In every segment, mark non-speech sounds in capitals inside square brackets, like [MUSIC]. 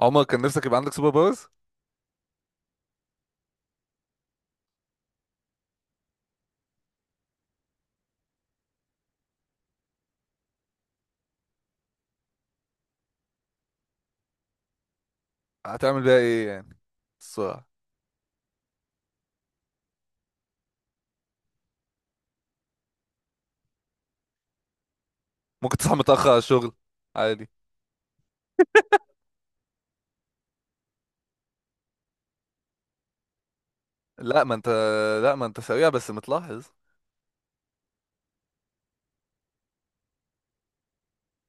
عمر كان نفسك يبقى عندك سوبر باورز؟ هتعمل بيها ايه يعني؟ السرعة. ممكن تصحى متأخر على الشغل. عادي. لا ما انت، لا ما انت سريع بس متلاحظ.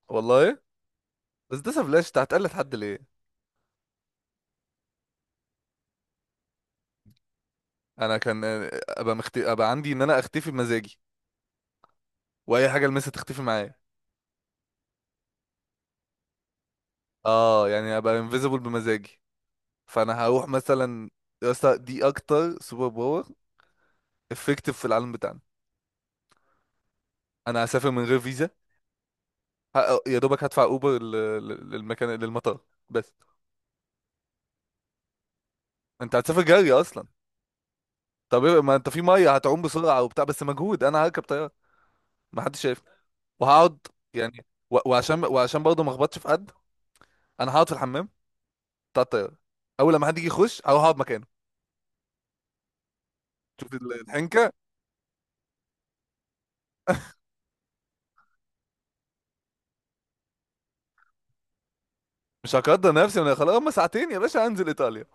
والله. بس ده سفلاش، انت هتقلد حد ليه؟ انا كان ابقى عندي ان انا اختفي بمزاجي، واي حاجة المسها تختفي معايا. اه يعني ابقى انفيزبل بمزاجي، فانا هروح مثلا. يا اسطى دي اكتر سوبر باور افكتيف في العالم بتاعنا. انا هسافر من غير فيزا، يا دوبك هدفع اوبر للمكان للمطار بس. انت هتسافر جري اصلا. ما انت في ميه هتعوم بسرعه وبتاع، بس مجهود. انا هركب طياره ما حدش شايفني وهقعد، يعني وعشان، وعشان برضه ما اخبطش في حد. انا هقعد في الحمام بتاع الطياره، اول لما حد يجي يخش هروح اقعد مكانه. شوف الحنكه. مش هقدر نفسي، انا خلاص هم ساعتين يا باشا هنزل ايطاليا.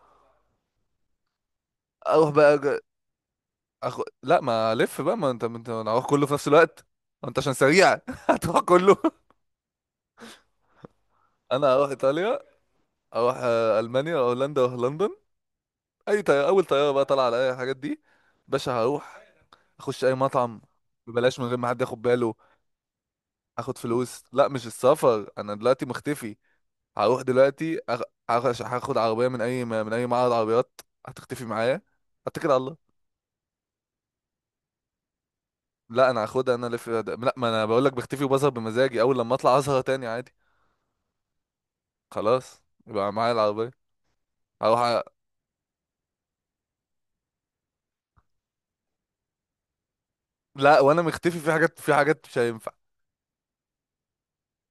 اروح بقى لا، ما الف بقى، ما انت انا هروح كله في نفس الوقت، ما انت عشان سريع. [LAUGHS] هتروح كله. انا هروح ايطاليا، اروح المانيا، اروح هولندا، اروح لندن. اي طياره، اول طياره بقى طالعه على اي الحاجات دي. باشا هروح اخش اي مطعم ببلاش، من غير ما حد ياخد باله. اخد فلوس، لا مش السفر، انا دلوقتي مختفي. هروح دلوقتي هاخد عربيه من اي، من اي معرض عربيات هتختفي معايا، اتكل على الله. لا انا هاخدها، انا الف، لا ما انا بقول لك بختفي وبظهر بمزاجي، اول لما اطلع اظهر تاني عادي. خلاص يبقى معايا العربيه. اروح لا، وانا مختفي في حاجات، في حاجات مش هينفع.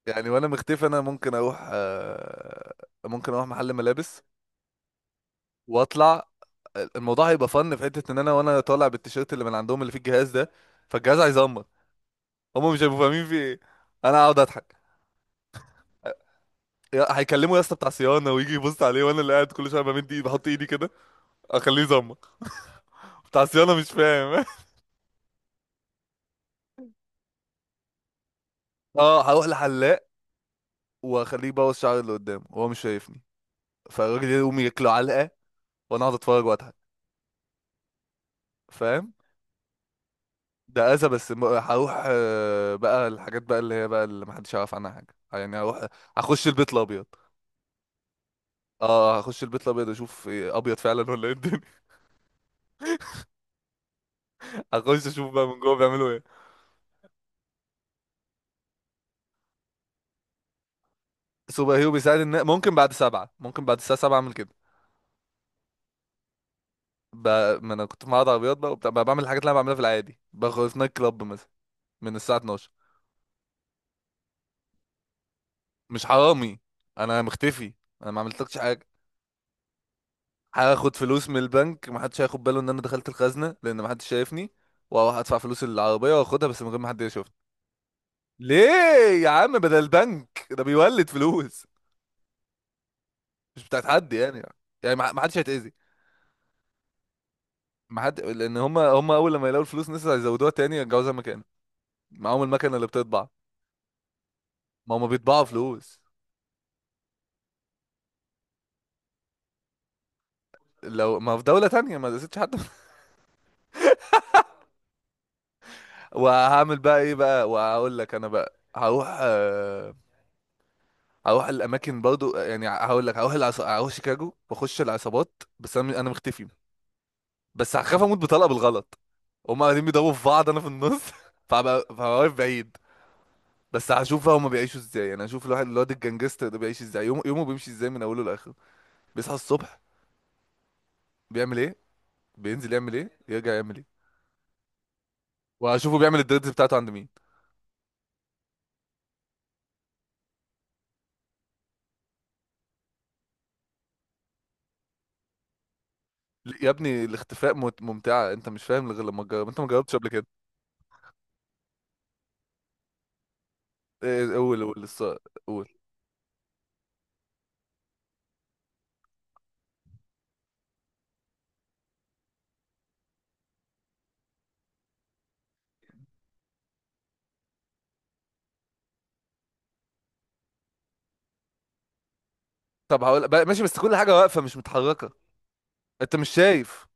يعني وانا مختفي، انا ممكن اروح ممكن اروح محل ملابس واطلع. الموضوع هيبقى فن في حته، ان انا وانا طالع بالتيشيرت اللي من عندهم اللي فيه الجهاز ده، فالجهاز هيزمر، هم مش هيبقوا فاهمين في ايه. انا هقعد اضحك. هيكلموا يا اسطى بتاع صيانه، ويجي يبص عليه، وانا اللي قاعد كل شويه بمد ايدي، بحط ايدي كده اخليه يزمر، بتاع صيانه مش فاهم. [LAUGHS] اه هروح لحلاق واخليه يبوظ شعري اللي قدامه وهو مش شايفني، فالراجل يقوم ياكله علقه وانا اقعد اتفرج واضحك، فاهم؟ ده اذى بس، هروح بقى الحاجات بقى اللي هي بقى اللي محدش يعرف عنها حاجه. يعني هروح هخش البيت الابيض. اه هخش البيت الابيض اشوف ابيض فعلا ولا ايه الدنيا. [LAUGHS] هخش اشوف بقى من جوه بيعملوا ايه. سوبر هيرو بيساعد، ان ممكن بعد سبعة، ممكن بعد الساعة سبعة اعمل كده. ب... ما انا كنت في معرض عربيات بقى، وبتاع بقى بعمل الحاجات اللي انا بعملها في العادي، باخد في نايت كلاب مثلا من الساعة 12. مش حرامي، انا مختفي، انا ما عملتلكش حاجة. هاخد فلوس من البنك، ما حدش هياخد باله ان انا دخلت الخزنة، لان ما حدش شايفني، واروح ادفع فلوس العربية واخدها بس من غير ما حد يشوفني. ليه؟ يا عم بدل البنك ده بيولد فلوس، مش بتاعت حد يعني، يعني ما حدش هيتأذي. ما حد، لان هم اول لما يلاقوا الفلوس الناس هيزودوها تاني، يرجعوها زي ما كان، معاهم المكنه اللي بتطبع. ما هم بيطبعوا فلوس. لو ما في دوله تانية ما دستش حد. [LAUGHS] وهعمل بقى ايه بقى، وهقول لك انا بقى هروح هروح الاماكن برضو، يعني هقول لك هروح هروح شيكاغو واخش العصابات، بس انا انا مختفي. بس هخاف اموت بطلقه بالغلط، هم قاعدين بيضربوا في بعض انا في النص. [LAUGHS] فهبقى واقف بعيد. بس هشوف بقى هما بيعيشوا ازاي، انا هشوف الواحد الواد الجنجستر ده بيعيش ازاي يوم يومه، بيمشي ازاي من اوله لاخره، بيصحى الصبح بيعمل ايه، بينزل يعمل ايه، يرجع يعمل ايه، وهشوفه بيعمل الدريدز بتاعته عند مين. يا ابني الاختفاء ممتعة، انت مش فاهم غير لما تجرب، انت ما جربتش قبل كده. ايه قول، قول. طب هقول بقى، ماشي، بس كل حاجة واقفة مش متحركة، انت مش شايف.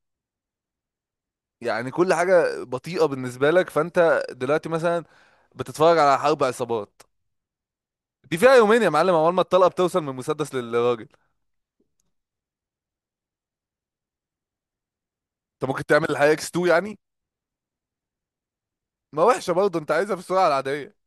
يعني كل حاجة بطيئة بالنسبة لك، فانت دلوقتي مثلا بتتفرج على حرب عصابات دي فيها يومين يا معلم، اول ما الطلقة بتوصل من المسدس للراجل. انت ممكن تعمل الحقيقة اكس 2 يعني. ما وحشة برضه، انت عايزها في السرعة العادية.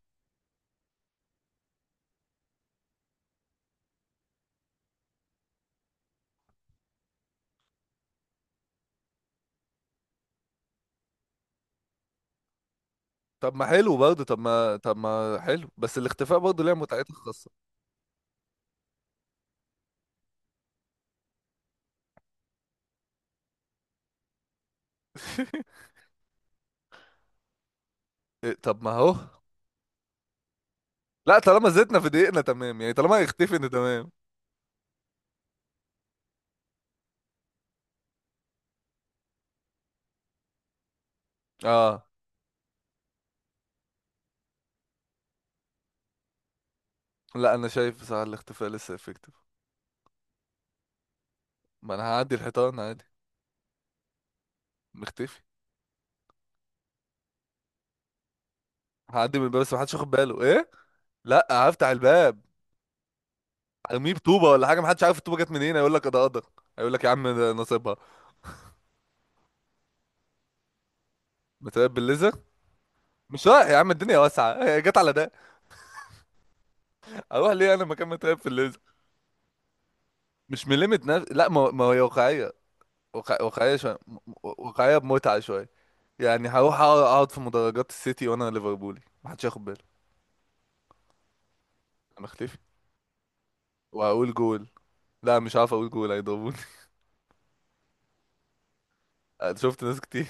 طب ما حلو برضه، طب ما حلو، بس الاختفاء برضه ليها متعتها الخاصة. [LAUGHS] طب ما هو، لا طالما زدنا في دقيقنا تمام، يعني طالما هيختفي ان تمام. اه. لا انا شايف بصراحة الاختفاء لسه افكتيف. ما انا هعدي الحيطان عادي، مختفي. هعدي من الباب بس محدش واخد باله، ايه لا هفتح الباب، ارميه بطوبة ولا حاجة، محدش عارف الطوبة جت منين، هيقول لك ده قدر، هيقول لك يا عم ده نصيبها. متراقب بالليزر؟ مش رايح يا عم، الدنيا واسعة. [LAUGHS] هي جت على ده، اروح ليه انا مكان متراقب في الليزر. مش ملمت نفسي، لا ما ما هي واقعية، واقعية شوية، واقعية بمتعة شوية. يعني هروح اقعد في مدرجات السيتي وانا ليفربولي، محدش ياخد باله. انا اختفي وهقول جول. لا مش عارف اقول جول هيضربوني. [LAUGHS] أنا شفت ناس كتير.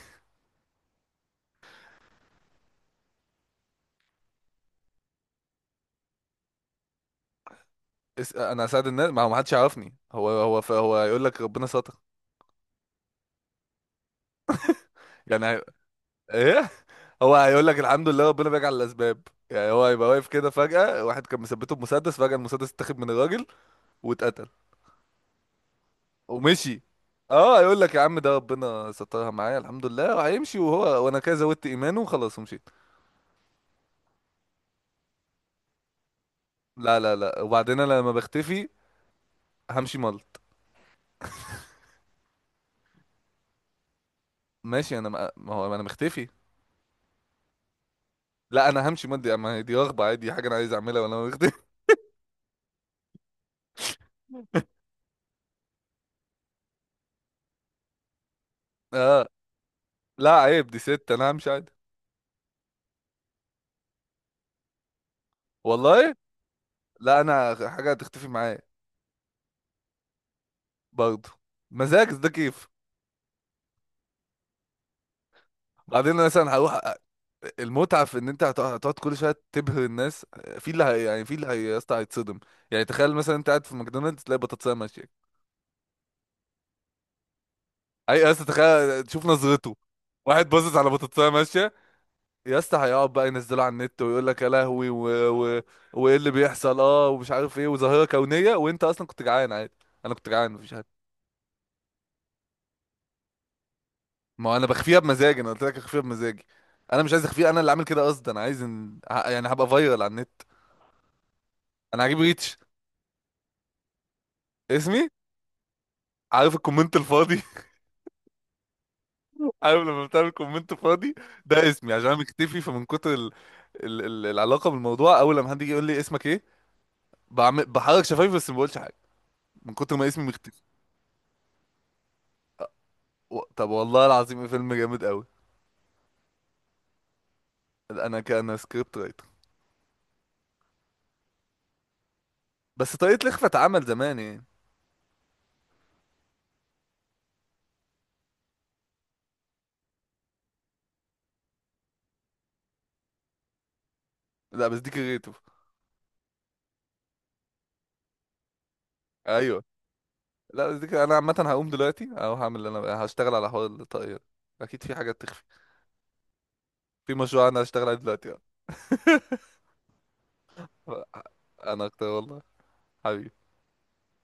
انا هساعد الناس، ما هو محدش يعرفني، هو هيقول لك ربنا ستر. يعني ايه، هو هيقول لك الحمد لله ربنا بيجعل الاسباب. يعني هو هيبقى واقف كده فجأة، واحد كان مثبته بمسدس، فجأة المسدس اتاخد من الراجل واتقتل ومشي. اه يقول لك يا عم ده ربنا سترها معايا الحمد لله، وهيمشي، وهو وانا كده زودت ايمانه وخلاص ومشيت. لا وبعدين انا لما بختفي همشي ملط. ماشي، انا ما ما هو انا مختفي. لا انا همشي ملط، دي ما هي دي رغبه عادي، دي حاجه انا عايز اعملها وانا مختفي. [LAUGHS] اه. لا عيب دي ست، انا همشي عادي. والله، لا انا حاجه هتختفي معايا برضه، مزاج ده كيف. بعدين أنا مثلا هروح المتعه في ان انت هتقعد كل شويه تبهر الناس، في اللي هي يعني، في اللي هي يا اسطى هيتصدم. يعني تخيل مثلا انت قاعد في ماكدونالدز تلاقي بطاطسايه ماشيه. اي يا اسطى تخيل تشوف نظرته، واحد باصص على بطاطسايه ماشيه. يا اسطى هيقعد بقى ينزله على النت، ويقول لك يا لهوي وايه اللي بيحصل، اه، ومش عارف ايه، وظاهره كونيه، وانت اصلا كنت جعان عادي. انا كنت جعان مفيش حاجه. ما هو انا بخفيها بمزاجي، انا قلت لك اخفيها بمزاجي. انا مش عايز اخفيها، انا اللي عامل كده قصدا، انا عايز يعني هبقى فايرال على النت. انا هجيب ريتش. اسمي، عارف الكومنت الفاضي؟ [LAUGHS] عارف لما بتعمل كومنت فاضي، ده اسمي، عشان انا مختفي، فمن كتر العلاقه بالموضوع، اول لما حد يجي يقول لي اسمك ايه، بعمل بحرك شفايفي بس ما بقولش حاجه، من كتر ما اسمي مختفي. طب والله العظيم إيه فيلم جامد قوي. انا كان سكريبت رايتر. بس طريقه لخفة اتعمل زمان يعني. لا بس دي كريتيف. ايوه، لا بس انا عامه هقوم دلوقتي، او هعمل اللي انا بقى. هشتغل على حوار الطاقية. اكيد في حاجات تخفي. في مشروع انا هشتغل عليه دلوقتي. [LAUGHS] انا اكتر والله. حبيبي.